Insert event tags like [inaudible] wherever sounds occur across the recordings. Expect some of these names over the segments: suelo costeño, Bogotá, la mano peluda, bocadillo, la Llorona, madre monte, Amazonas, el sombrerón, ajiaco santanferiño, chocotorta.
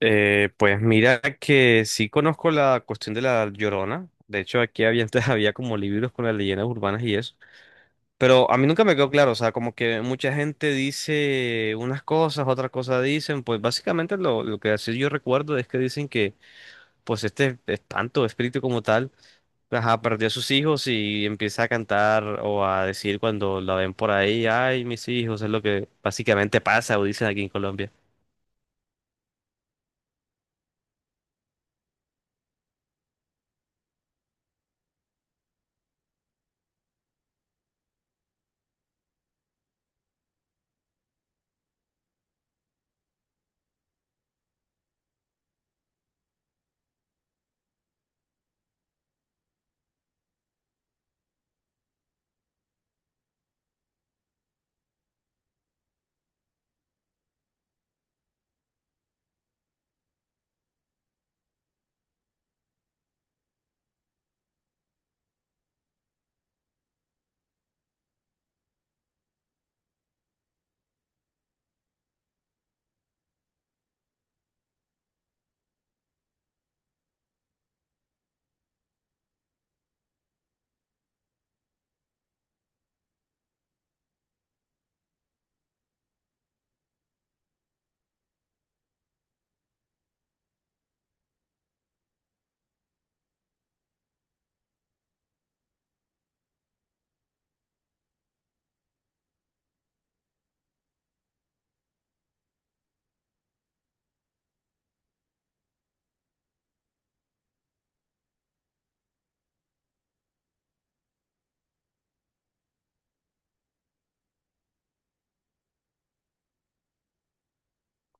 Pues mira que sí conozco la cuestión de la Llorona. De hecho, aquí había [laughs] antes había como libros con las leyendas urbanas y eso. Pero a mí nunca me quedó claro, o sea, como que mucha gente dice unas cosas, otras cosas dicen, pues básicamente lo que así yo recuerdo es que dicen que pues este espanto, espíritu como tal, ajá, perdió a sus hijos y empieza a cantar o a decir cuando la ven por ahí, ay, mis hijos, es lo que básicamente pasa o dicen aquí en Colombia.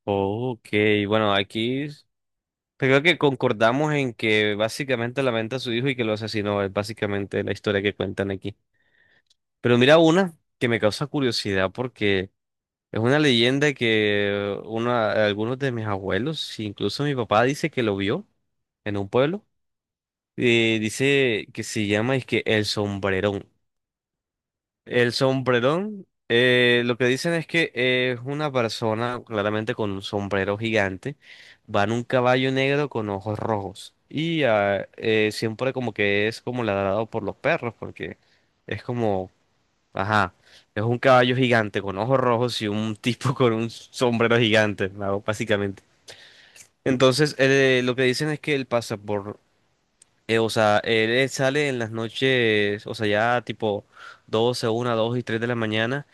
Ok, bueno, aquí pues creo que concordamos en que básicamente lamenta a su hijo y que lo asesinó. Es básicamente la historia que cuentan aquí. Pero mira una que me causa curiosidad porque es una leyenda que uno algunos de mis abuelos, incluso mi papá, dice que lo vio en un pueblo. Dice que se llama es que el sombrerón. El sombrerón, lo que dicen es que es una persona claramente con un sombrero gigante, va en un caballo negro con ojos rojos y siempre como que es como ladrado por los perros porque es como, ajá, es un caballo gigante con ojos rojos y un [laughs] tipo con un sombrero gigante, ¿no? Básicamente. Entonces, lo que dicen es que él pasa por, o sea, él sale en las noches, o sea, ya tipo doce una, dos y 3 de la mañana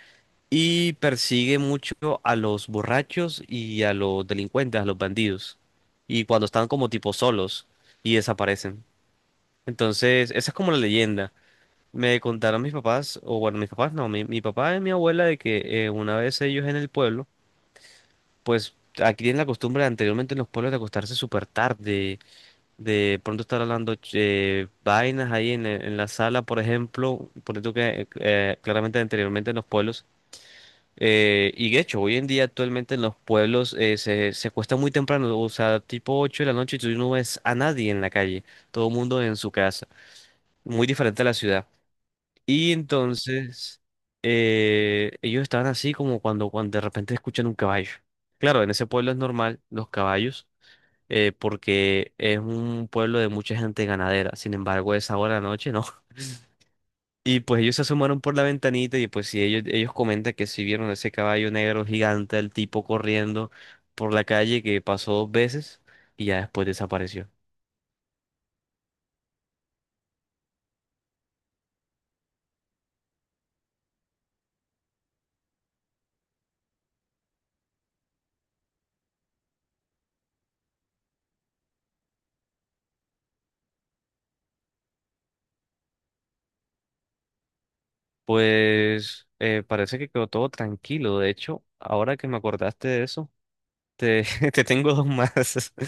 y persigue mucho a los borrachos y a los delincuentes, a los bandidos. Y cuando están como tipo solos y desaparecen. Entonces, esa es como la leyenda. Me contaron mis papás, o bueno, mis papás no, mi papá y mi abuela de que una vez ellos en el pueblo, pues aquí tienen la costumbre anteriormente en los pueblos de acostarse súper tarde, de pronto estar hablando vainas ahí en la sala, por ejemplo, por eso que claramente anteriormente en los pueblos y de hecho, hoy en día actualmente en los pueblos se acuesta muy temprano, o sea, tipo 8 de la noche y tú no ves a nadie en la calle, todo el mundo en su casa, muy diferente a la ciudad. Y entonces ellos estaban así como cuando, cuando de repente escuchan un caballo. Claro, en ese pueblo es normal los caballos, porque es un pueblo de mucha gente ganadera, sin embargo, esa hora de la noche no. Y pues ellos se asomaron por la ventanita y pues sí, ellos comentan que sí vieron ese caballo negro gigante, el tipo corriendo por la calle que pasó dos veces y ya después desapareció. Pues parece que quedó todo tranquilo. De hecho, ahora que me acordaste de eso, te, [laughs] te tengo dos más. [laughs]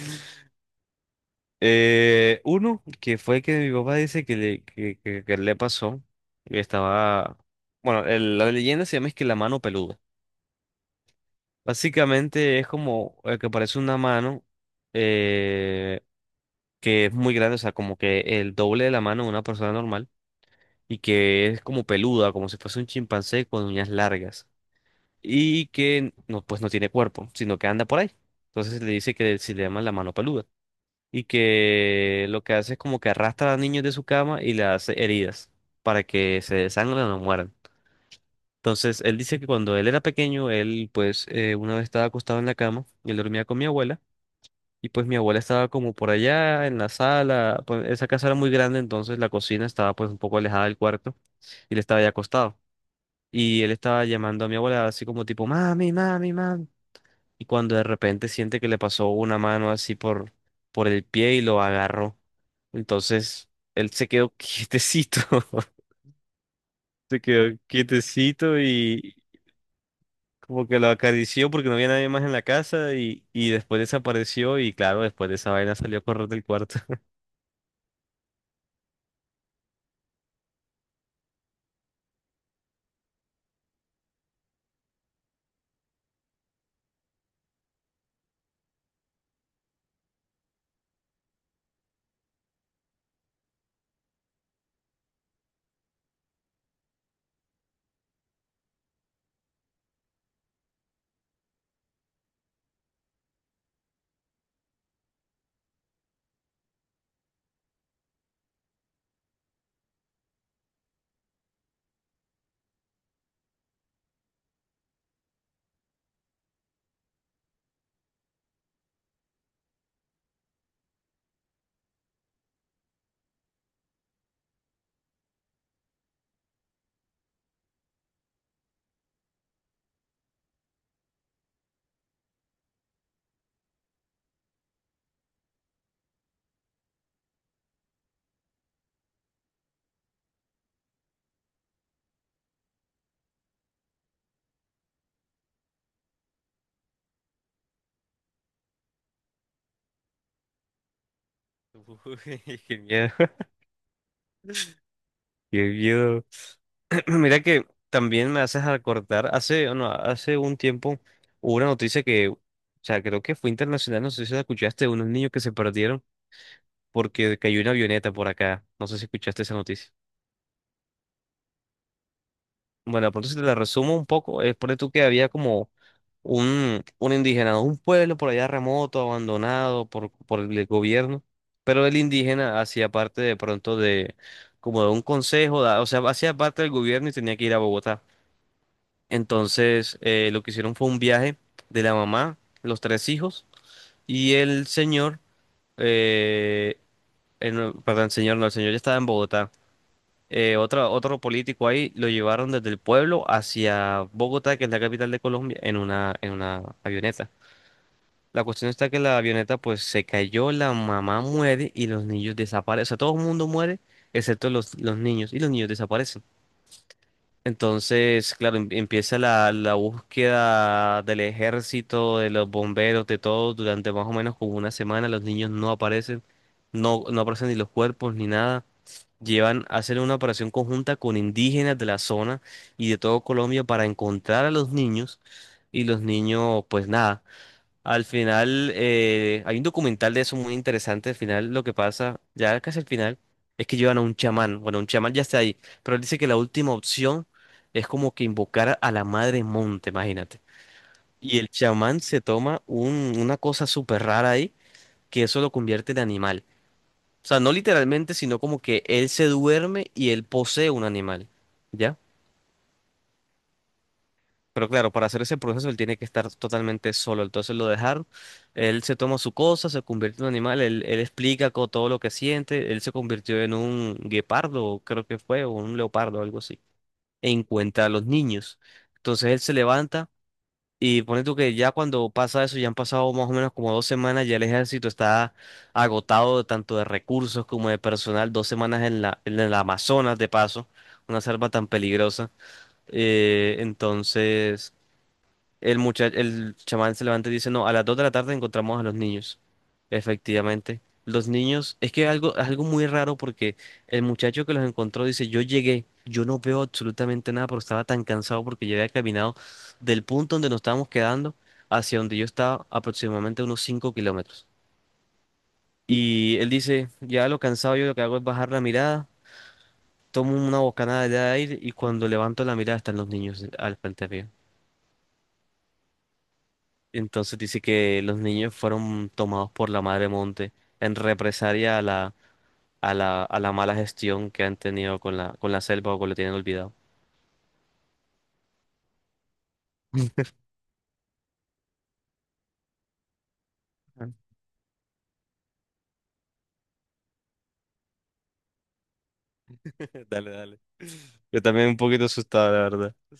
Uno, que fue que mi papá dice que le, que le pasó. Que estaba, bueno, el- la leyenda se llama es que la mano peluda. Básicamente es como que parece una mano eh, que es muy grande, o sea, como que el doble de la mano de una persona normal y que es como peluda, como si fuese un chimpancé con uñas largas y que no, pues no tiene cuerpo, sino que anda por ahí. Entonces le dice que si le llama la mano peluda y que lo que hace es como que arrastra a niños de su cama y le hace heridas para que se desangren o no mueran. Entonces él dice que cuando él era pequeño, él pues una vez estaba acostado en la cama y él dormía con mi abuela. Y pues mi abuela estaba como por allá en la sala, pues esa casa era muy grande, entonces la cocina estaba pues un poco alejada del cuarto y él estaba ya acostado. Y él estaba llamando a mi abuela así como tipo, mami, mami, mami. Y cuando de repente siente que le pasó una mano así por, el pie y lo agarró. Entonces él se quedó [laughs] quietecito, se quedó quietecito y como que lo acarició porque no había nadie más en la casa y después desapareció y claro, después de esa vaina salió a correr del cuarto. Uy, [laughs] qué miedo, [laughs] qué miedo. [clears throat] Mira que también me haces acordar hace, no, hace un tiempo hubo una noticia que, o sea, creo que fue internacional, no sé si la escuchaste, de unos niños que se perdieron porque cayó una avioneta por acá. No sé si escuchaste esa noticia. Bueno, de pronto si te la resumo un poco, es por tú que había como un indígena, un pueblo por allá remoto, abandonado por el gobierno, pero el indígena hacía parte de pronto de como de un consejo, da- o sea, hacía parte del gobierno y tenía que ir a Bogotá. Entonces, lo que hicieron fue un viaje de la mamá, los tres hijos y el señor, eh, no, perdón, señor, no, el señor ya estaba en Bogotá otro político ahí lo llevaron desde el pueblo hacia Bogotá, que es la capital de Colombia, en una avioneta. La cuestión está que la avioneta pues se cayó, la mamá muere y los niños desaparecen. O sea, todo el mundo muere excepto los niños y los niños desaparecen. Entonces, claro, empieza la búsqueda del ejército, de los bomberos, de todo, durante más o menos como una semana. Los niños no aparecen, no, no aparecen ni los cuerpos ni nada. Llevan a hacer una operación conjunta con indígenas de la zona y de todo Colombia para encontrar a los niños. Y los niños, pues nada. Al final, hay un documental de eso muy interesante. Al final, lo que pasa, ya casi al final, es que llevan a un chamán. Bueno, un chamán ya está ahí, pero él dice que la última opción es como que invocar a la madre monte, imagínate. Y el chamán se toma una cosa súper rara ahí, que eso lo convierte en animal. O sea, no literalmente, sino como que él se duerme y él posee un animal. ¿Ya? Pero claro, para hacer ese proceso él tiene que estar totalmente solo. Entonces lo dejaron, él se toma su cosa, se convierte en un animal, él explica todo lo que siente, él se convirtió en un guepardo, creo que fue, o un leopardo, algo así. E encuentra a los niños. Entonces él se levanta y pone tú que ya cuando pasa eso, ya han pasado más o menos como 2 semanas, ya el ejército está agotado de tanto de recursos como de personal, 2 semanas en la, en el Amazonas de paso, una selva tan peligrosa. Entonces... El muchacho, el chamán se levanta y dice, no, a las 2 de la tarde encontramos a los niños. Efectivamente. Los niños, es que algo, algo muy raro porque el muchacho que los encontró dice, yo llegué, yo no veo absolutamente nada, pero estaba tan cansado porque yo había caminado del punto donde nos estábamos quedando hacia donde yo estaba aproximadamente unos 5 kilómetros. Y él dice, ya lo cansado yo lo que hago es bajar la mirada, tomo una bocanada de aire y cuando levanto la mirada están los niños al frente mío. Entonces dice que los niños fueron tomados por la madre monte en represalia a la, a la, a la mala gestión que han tenido con la selva o con lo tienen olvidado. [laughs] Dale, dale. Yo también un poquito asustado, la verdad.